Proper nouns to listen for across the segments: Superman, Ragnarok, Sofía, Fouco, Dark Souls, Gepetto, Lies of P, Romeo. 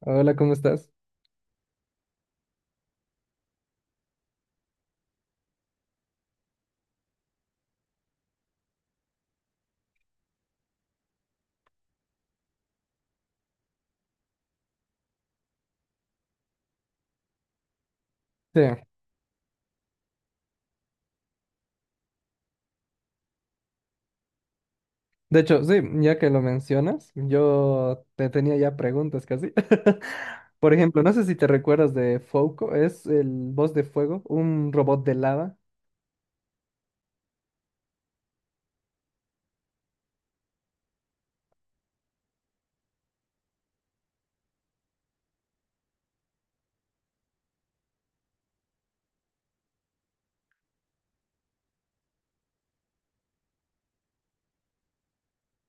Hola, ¿cómo estás? Sí, de hecho, sí, ya que lo mencionas, yo te tenía ya preguntas casi. Por ejemplo, no sé si te recuerdas de Fouco, es el boss de fuego, un robot de lava.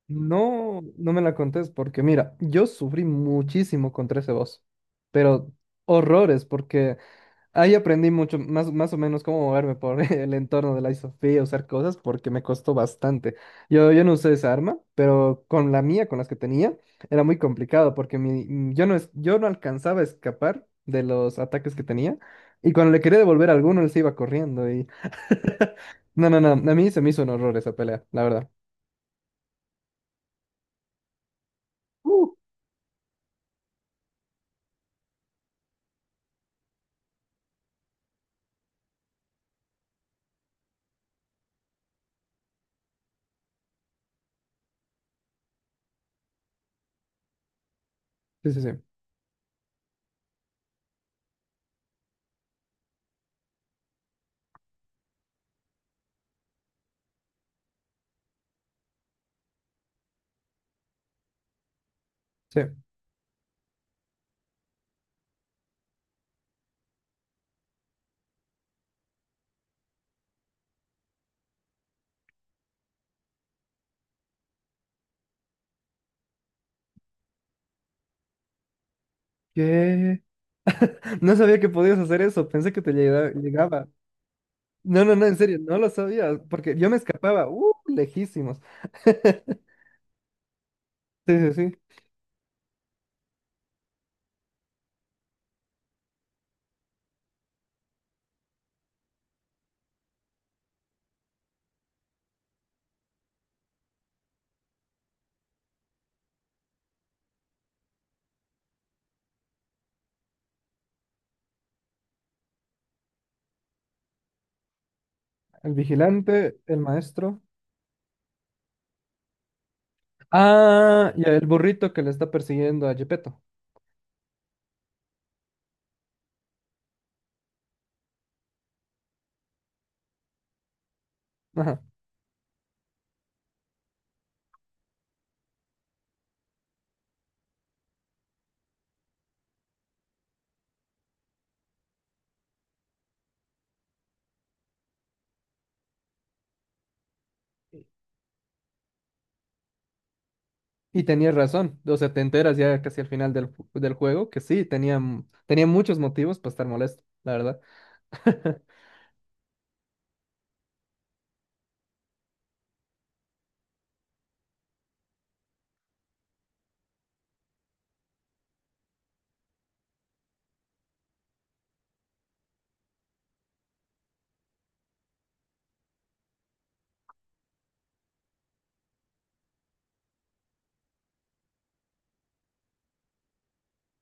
No, no me la contés porque mira, yo sufrí muchísimo contra ese boss, pero horrores porque ahí aprendí mucho, más o menos cómo moverme por el entorno de la Sofía, usar cosas, porque me costó bastante. Yo no usé esa arma, pero con la mía, con las que tenía, era muy complicado, porque yo no alcanzaba a escapar de los ataques que tenía, y cuando le quería devolver a alguno, él se iba corriendo, y... No, no, no, a mí se me hizo un horror esa pelea, la verdad. Uh, Sí, sí, sí. Sí. ¿Qué? No sabía que podías hacer eso, pensé que te llegaba. No, no, no, en serio, no lo sabía, porque yo me escapaba, lejísimos. Sí, sí, sí. El vigilante, el maestro. Ah, y el burrito que le está persiguiendo a Gepetto. Ajá. Y tenías razón. O sea, te enteras ya casi al final del juego que sí, tenía muchos motivos para estar molesto, la verdad.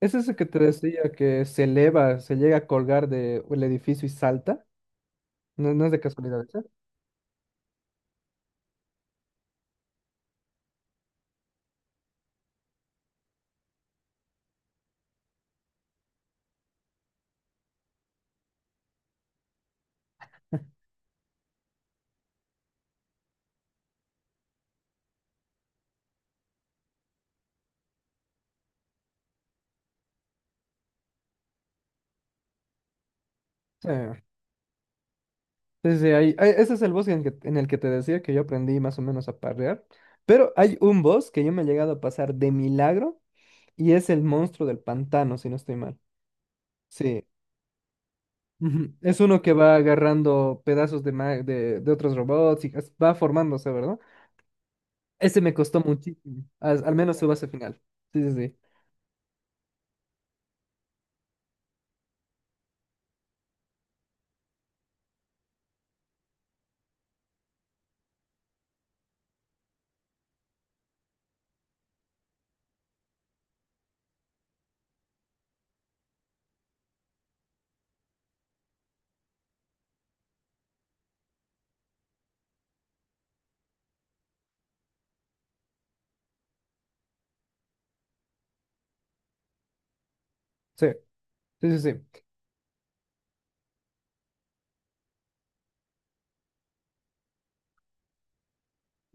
¿Es ese que te decía que se eleva, se llega a colgar de el edificio y salta? No, no es de casualidad, ¿sí? Sí. Sí, sí, ese es el boss en el que te decía que yo aprendí más o menos a parrear. Pero hay un boss que yo me he llegado a pasar de milagro y es el monstruo del pantano, si no estoy mal. Sí. Ujú, es uno que va agarrando pedazos de otros robots y va formándose, ¿verdad? Ese me costó muchísimo, menos su base final. Sí, sí, sí. Sí, sí, sí. Sí.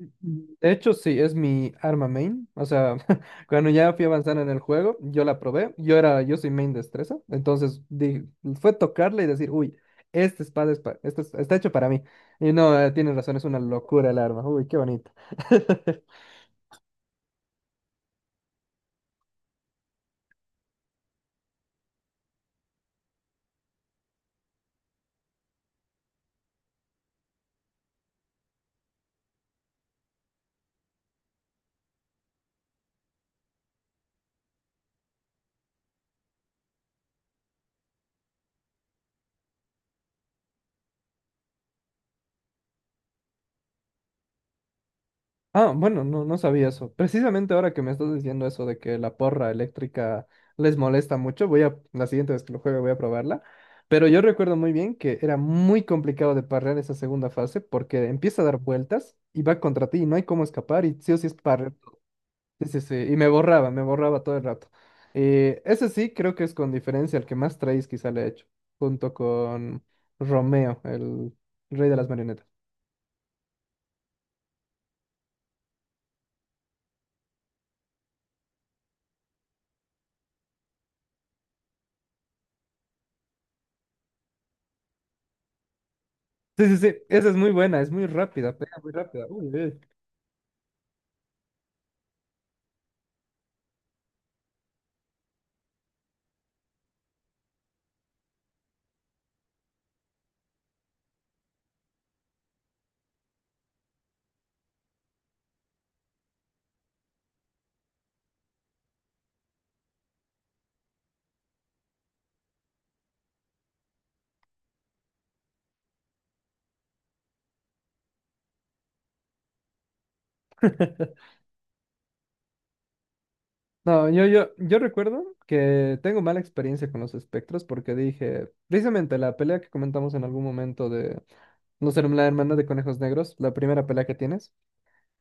De hecho, sí, es mi arma main. O sea, cuando ya fui avanzando en el juego, yo la probé. Yo era, yo soy main destreza. Entonces fue tocarla y decir, uy, esta espada es pa- esta es- está hecho para mí. Y no, tienes razón, es una locura el arma. Uy, qué bonito. Ah, bueno, no, no sabía eso. Precisamente ahora que me estás diciendo eso de que la porra eléctrica les molesta mucho, la siguiente vez que lo juegue voy a probarla. Pero yo recuerdo muy bien que era muy complicado de parrear esa segunda fase porque empieza a dar vueltas y va contra ti y no hay cómo escapar y sí o sí es parrear. Sí, sí, sí. Y me borraba todo el rato. Ese sí creo que es con diferencia el que más traes quizá le he hecho, junto con Romeo, el rey de las marionetas. Sí, sí, sí, esa es muy buena, es muy rápida, pega muy rápida. Uy, uy. No, yo recuerdo que tengo mala experiencia con los espectros porque dije, precisamente la pelea que comentamos en algún momento de no ser la hermana de conejos negros, la primera pelea que tienes.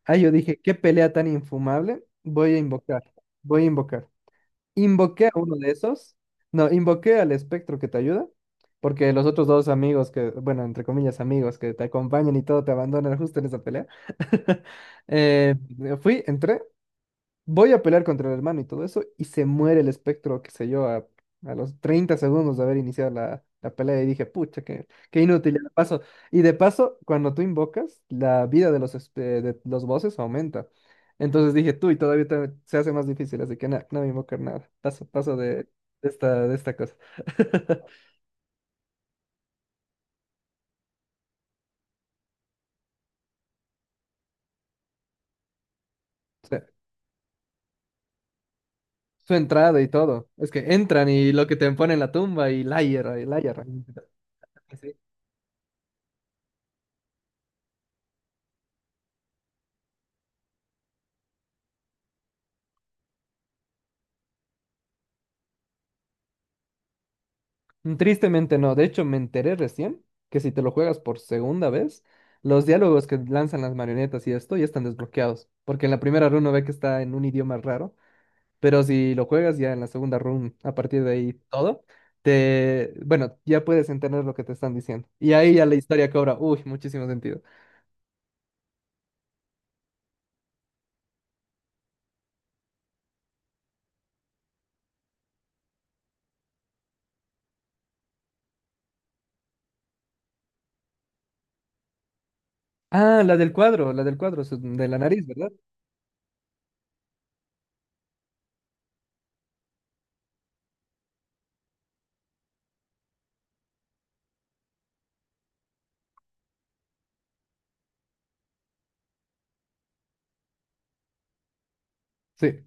Ah, yo dije, qué pelea tan infumable, voy a invocar. Invoqué a uno de esos, no, invoqué al espectro que te ayuda, porque los otros dos amigos que, bueno, entre comillas amigos que te acompañan y todo te abandonan justo en esa pelea. Eh, Fui, entré. Voy a pelear contra el hermano y todo eso, y se muere el espectro, qué sé yo, a, los 30 segundos de haber iniciado la, la pelea y dije, pucha, qué inútil, ya la paso. Y de paso, cuando tú invocas, la vida de de los bosses aumenta. Entonces dije, tú, y todavía se hace más difícil, así que nada, no voy a invocar nada. Paso, paso de esta, de esta cosa. O sea, su entrada y todo. Es que entran y lo que te ponen en la tumba y liar, y liar. Tristemente no, de hecho me enteré recién que si te lo juegas por segunda vez, los diálogos que lanzan las marionetas y esto ya están desbloqueados, porque en la primera run uno ve que está en un idioma raro, pero si lo juegas ya en la segunda run, a partir de ahí todo, te, bueno, ya puedes entender lo que te están diciendo. Y ahí ya la historia cobra, uy, muchísimo sentido. Ah, la del cuadro, de la nariz, ¿verdad? Sí.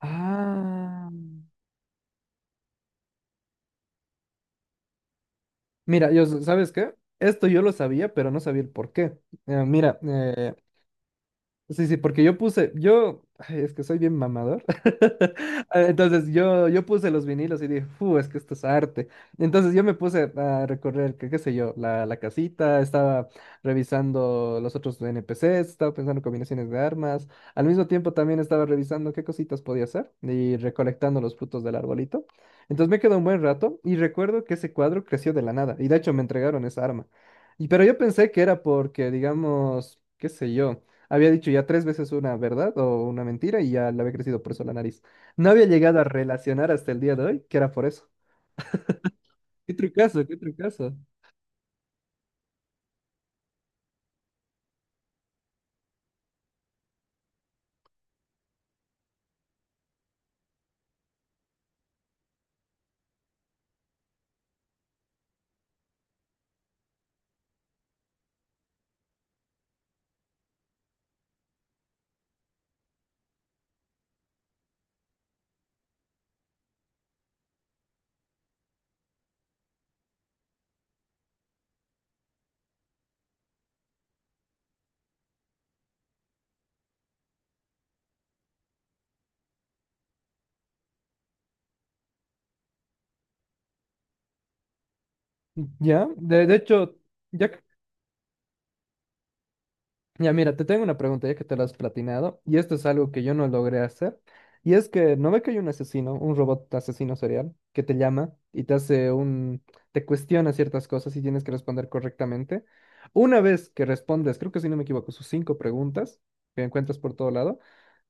Ah. Mira, ¿sabes qué? Esto yo lo sabía, pero no sabía el por qué. Mira, sí, sí, porque yo puse, yo, ay, es que soy bien mamador. Ah, entonces yo puse los vinilos y dije, ¡fu! Es que esto es arte. Entonces yo me puse a recorrer, qué sé yo, la casita, estaba revisando los otros NPCs, estaba pensando en combinaciones de armas. Al mismo tiempo también estaba revisando qué cositas podía hacer y recolectando los frutos del arbolito. Entonces me quedó un buen rato y recuerdo que ese cuadro creció de la nada y de hecho me entregaron esa arma. Y, pero yo pensé que era porque, digamos, qué sé yo. Había dicho ya tres veces una verdad o una mentira y ya le había crecido por eso la nariz. No había llegado a relacionar hasta el día de hoy que era por eso. Qué trucazo, qué trucazo. Ya, de hecho, ya, que- ya mira, te tengo una pregunta ya que te la has platinado y esto es algo que yo no logré hacer. Y es que no ve que hay un asesino, un robot asesino serial que te llama y te cuestiona ciertas cosas y tienes que responder correctamente. Una vez que respondes, creo que si no me equivoco, sus cinco preguntas que encuentras por todo lado.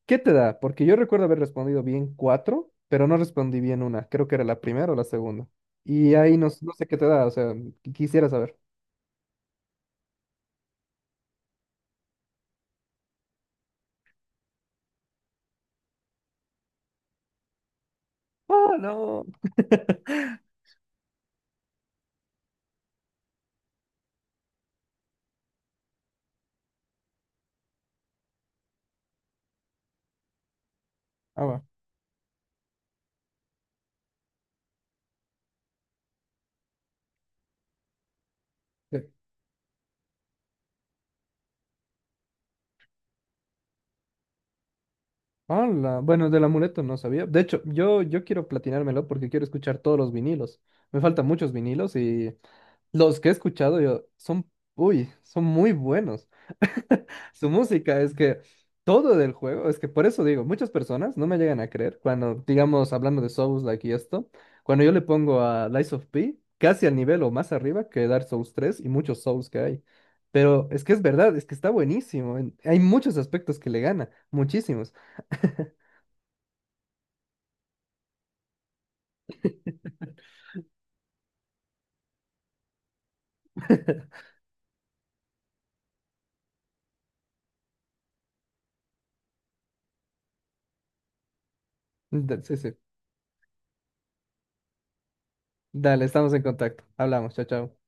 ¿Qué te da? Porque yo recuerdo haber respondido bien cuatro, pero no respondí bien una. Creo que era la primera o la segunda. Y ahí no, no sé qué te da, o sea, quisiera saber. Ah, no. Ah, va. Sí. Hola, bueno, del amuleto no sabía. De hecho, yo quiero platinármelo porque quiero escuchar todos los vinilos. Me faltan muchos vinilos y los que he escuchado yo son, uy, son muy buenos. Su música es que todo del juego, es que por eso digo, muchas personas no me llegan a creer cuando, digamos, hablando de Souls-like y esto, cuando yo le pongo a Lies of P casi al nivel o más arriba que Dark Souls tres y muchos Souls que hay. Pero es que es verdad, es que está buenísimo. Hay muchos aspectos que le gana, muchísimos. Sí, sí. Dale, estamos en contacto. Hablamos, chao, chao.